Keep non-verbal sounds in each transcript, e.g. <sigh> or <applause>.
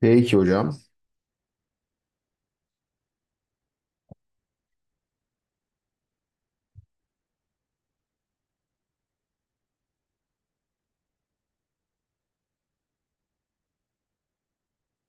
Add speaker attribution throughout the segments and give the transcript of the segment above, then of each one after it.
Speaker 1: Peki hocam.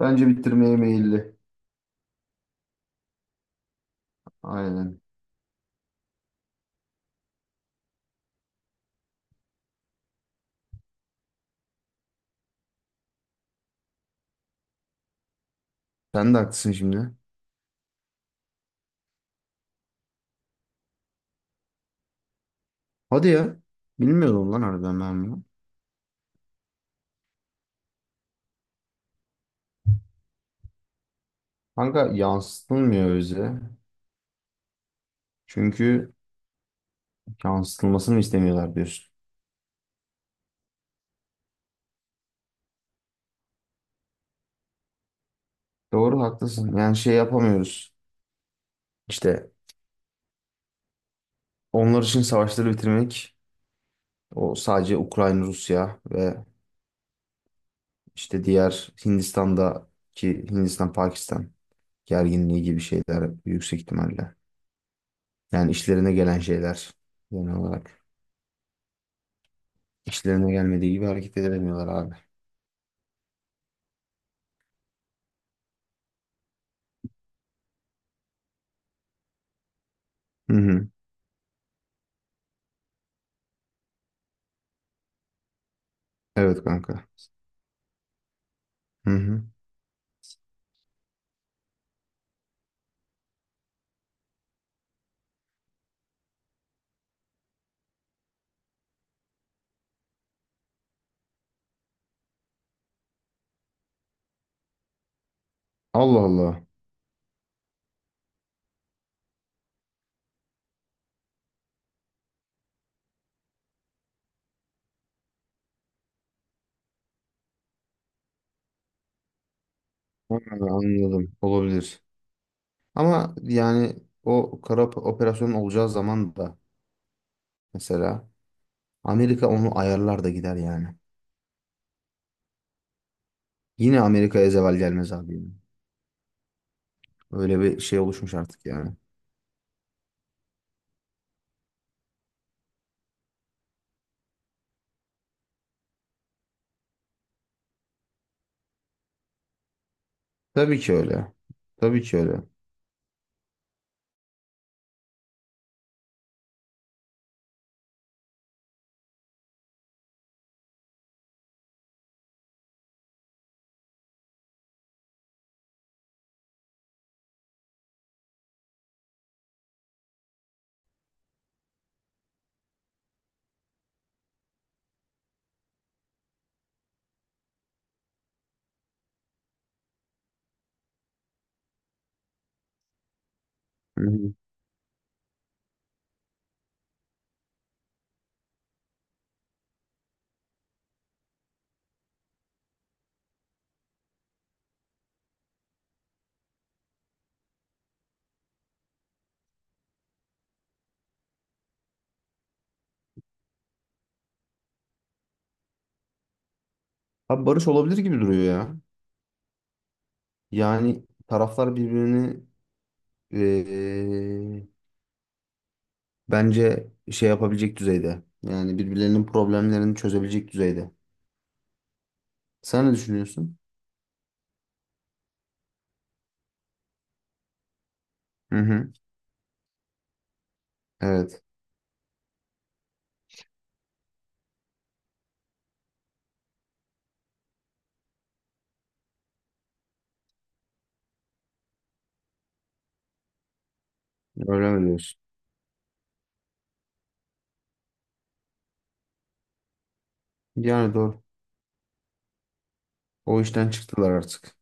Speaker 1: Bence bitirmeye meyilli. Aynen. Sen de haklısın şimdi. Hadi ya. Bilmiyordum lan harbiden ben bunu. Kanka yansıtılmıyor bize. Çünkü yansıtılmasını istemiyorlar diyorsun. Doğru haklısın. Yani şey yapamıyoruz. İşte onlar için savaşları bitirmek o sadece Ukrayna, Rusya ve işte diğer Hindistan'daki Hindistan, Pakistan gerginliği gibi şeyler yüksek ihtimalle. Yani işlerine gelen şeyler genel olarak. İşlerine gelmediği gibi hareket edemiyorlar abi. Hı hı. Evet kanka. Hı hı. Allah Allah. Ha, anladım. Olabilir. Ama yani operasyon olacağı zaman da mesela Amerika onu ayarlar da gider yani. Yine Amerika'ya zeval gelmez abi, yani. Öyle bir şey oluşmuş artık yani. Tabii ki öyle. Tabii ki öyle. Hı hı. Abi barış olabilir gibi duruyor ya. Yani taraflar birbirini eee, bence şey yapabilecek düzeyde. Yani birbirlerinin problemlerini çözebilecek düzeyde. Sen ne düşünüyorsun? Hı hı. Evet. Öyle mi diyorsun? Yani doğru. O işten çıktılar artık.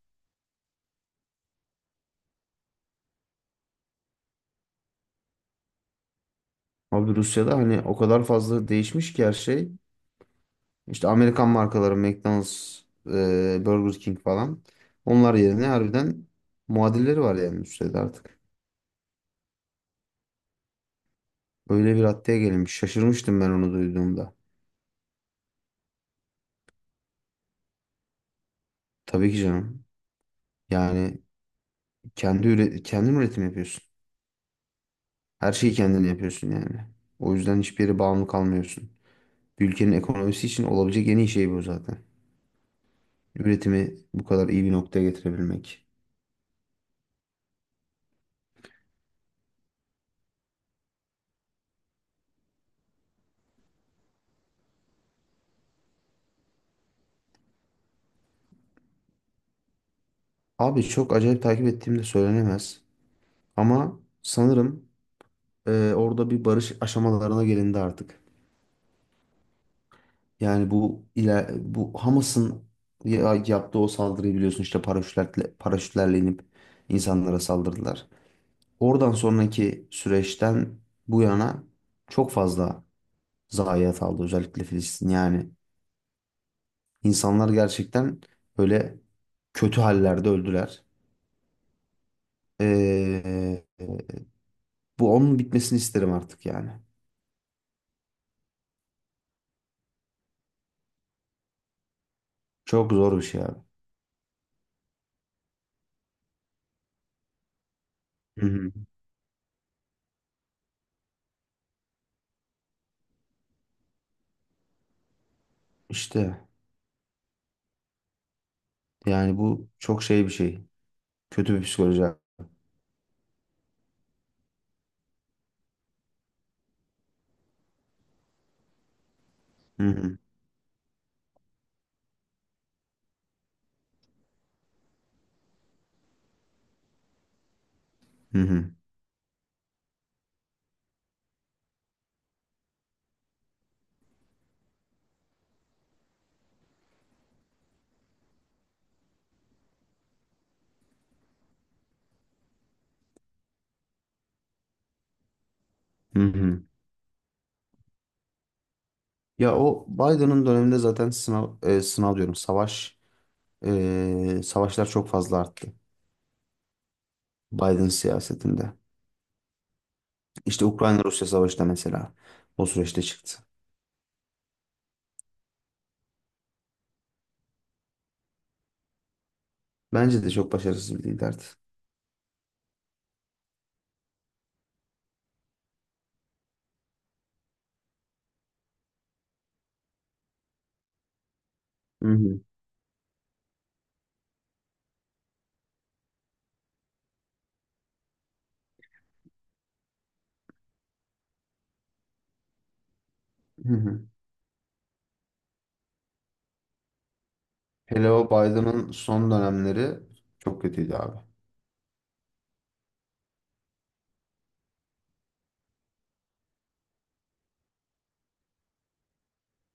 Speaker 1: Abi Rusya'da hani o kadar fazla değişmiş ki her şey. İşte Amerikan markaları McDonald's, Burger King falan. Onlar yerine harbiden muadilleri var yani Rusya'da artık. Öyle bir haddeye gelinmiş. Şaşırmıştım ben onu duyduğumda. Tabii ki canım. Yani kendin üretim yapıyorsun. Her şeyi kendin yapıyorsun yani. O yüzden hiçbir yere bağımlı kalmıyorsun. Bir ülkenin ekonomisi için olabilecek en iyi şey bu zaten. Üretimi bu kadar iyi bir noktaya getirebilmek. Abi çok acayip takip ettiğim de söylenemez. Ama sanırım orada bir barış aşamalarına gelindi artık. Yani bu Hamas'ın yaptığı o saldırıyı biliyorsun, işte paraşütlerle, paraşütlerle inip insanlara saldırdılar. Oradan sonraki süreçten bu yana çok fazla zayiat aldı özellikle Filistin. Yani insanlar gerçekten böyle kötü hallerde öldüler. Ee, Bu onun bitmesini isterim artık yani. Çok zor bir şey abi. Hı hı. İşte yani bu çok şey bir şey. Kötü bir psikoloji abi. Hı hı. Hı hı. Hı hı. Ya o Biden'ın döneminde zaten sınav e, sınav diyorum savaş, savaşlar çok fazla arttı. Biden siyasetinde. İşte Ukrayna-Rusya savaşı da mesela o süreçte çıktı. Bence de çok başarısız bir liderdi. Hı hı. Hı hı. Hele o Biden'ın son dönemleri çok kötüydü abi.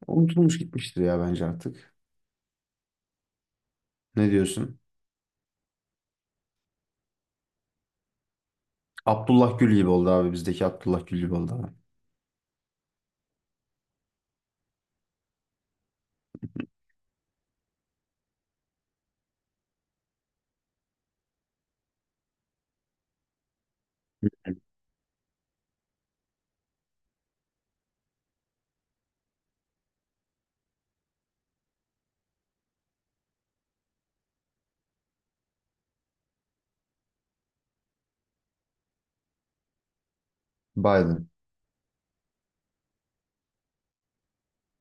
Speaker 1: Unutulmuş gitmiştir ya bence artık. Ne diyorsun? Abdullah Gül gibi oldu abi. Bizdeki Abdullah Gül gibi oldu abi. Biden.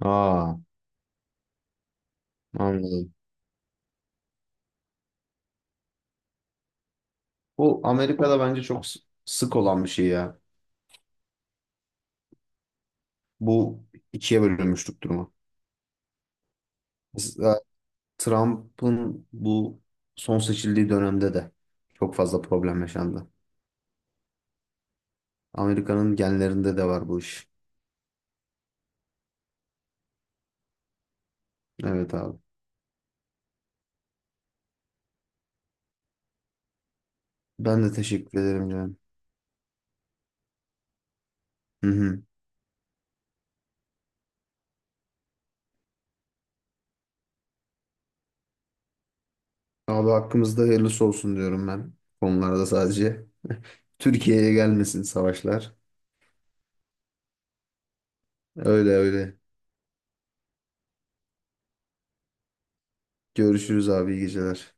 Speaker 1: Aa, anladım. Bu Amerika'da bence sık olan bir şey ya. Bu ikiye bölünmüşlük durumu. Mesela Trump'ın bu son seçildiği dönemde de çok fazla problem yaşandı. Amerika'nın genlerinde de var bu iş. Evet abi. Ben de teşekkür ederim canım. Hı hı. Abi hakkımızda hayırlısı olsun diyorum ben. Konularda sadece. <laughs> Türkiye'ye gelmesin savaşlar. Öyle öyle. Görüşürüz abi, iyi geceler.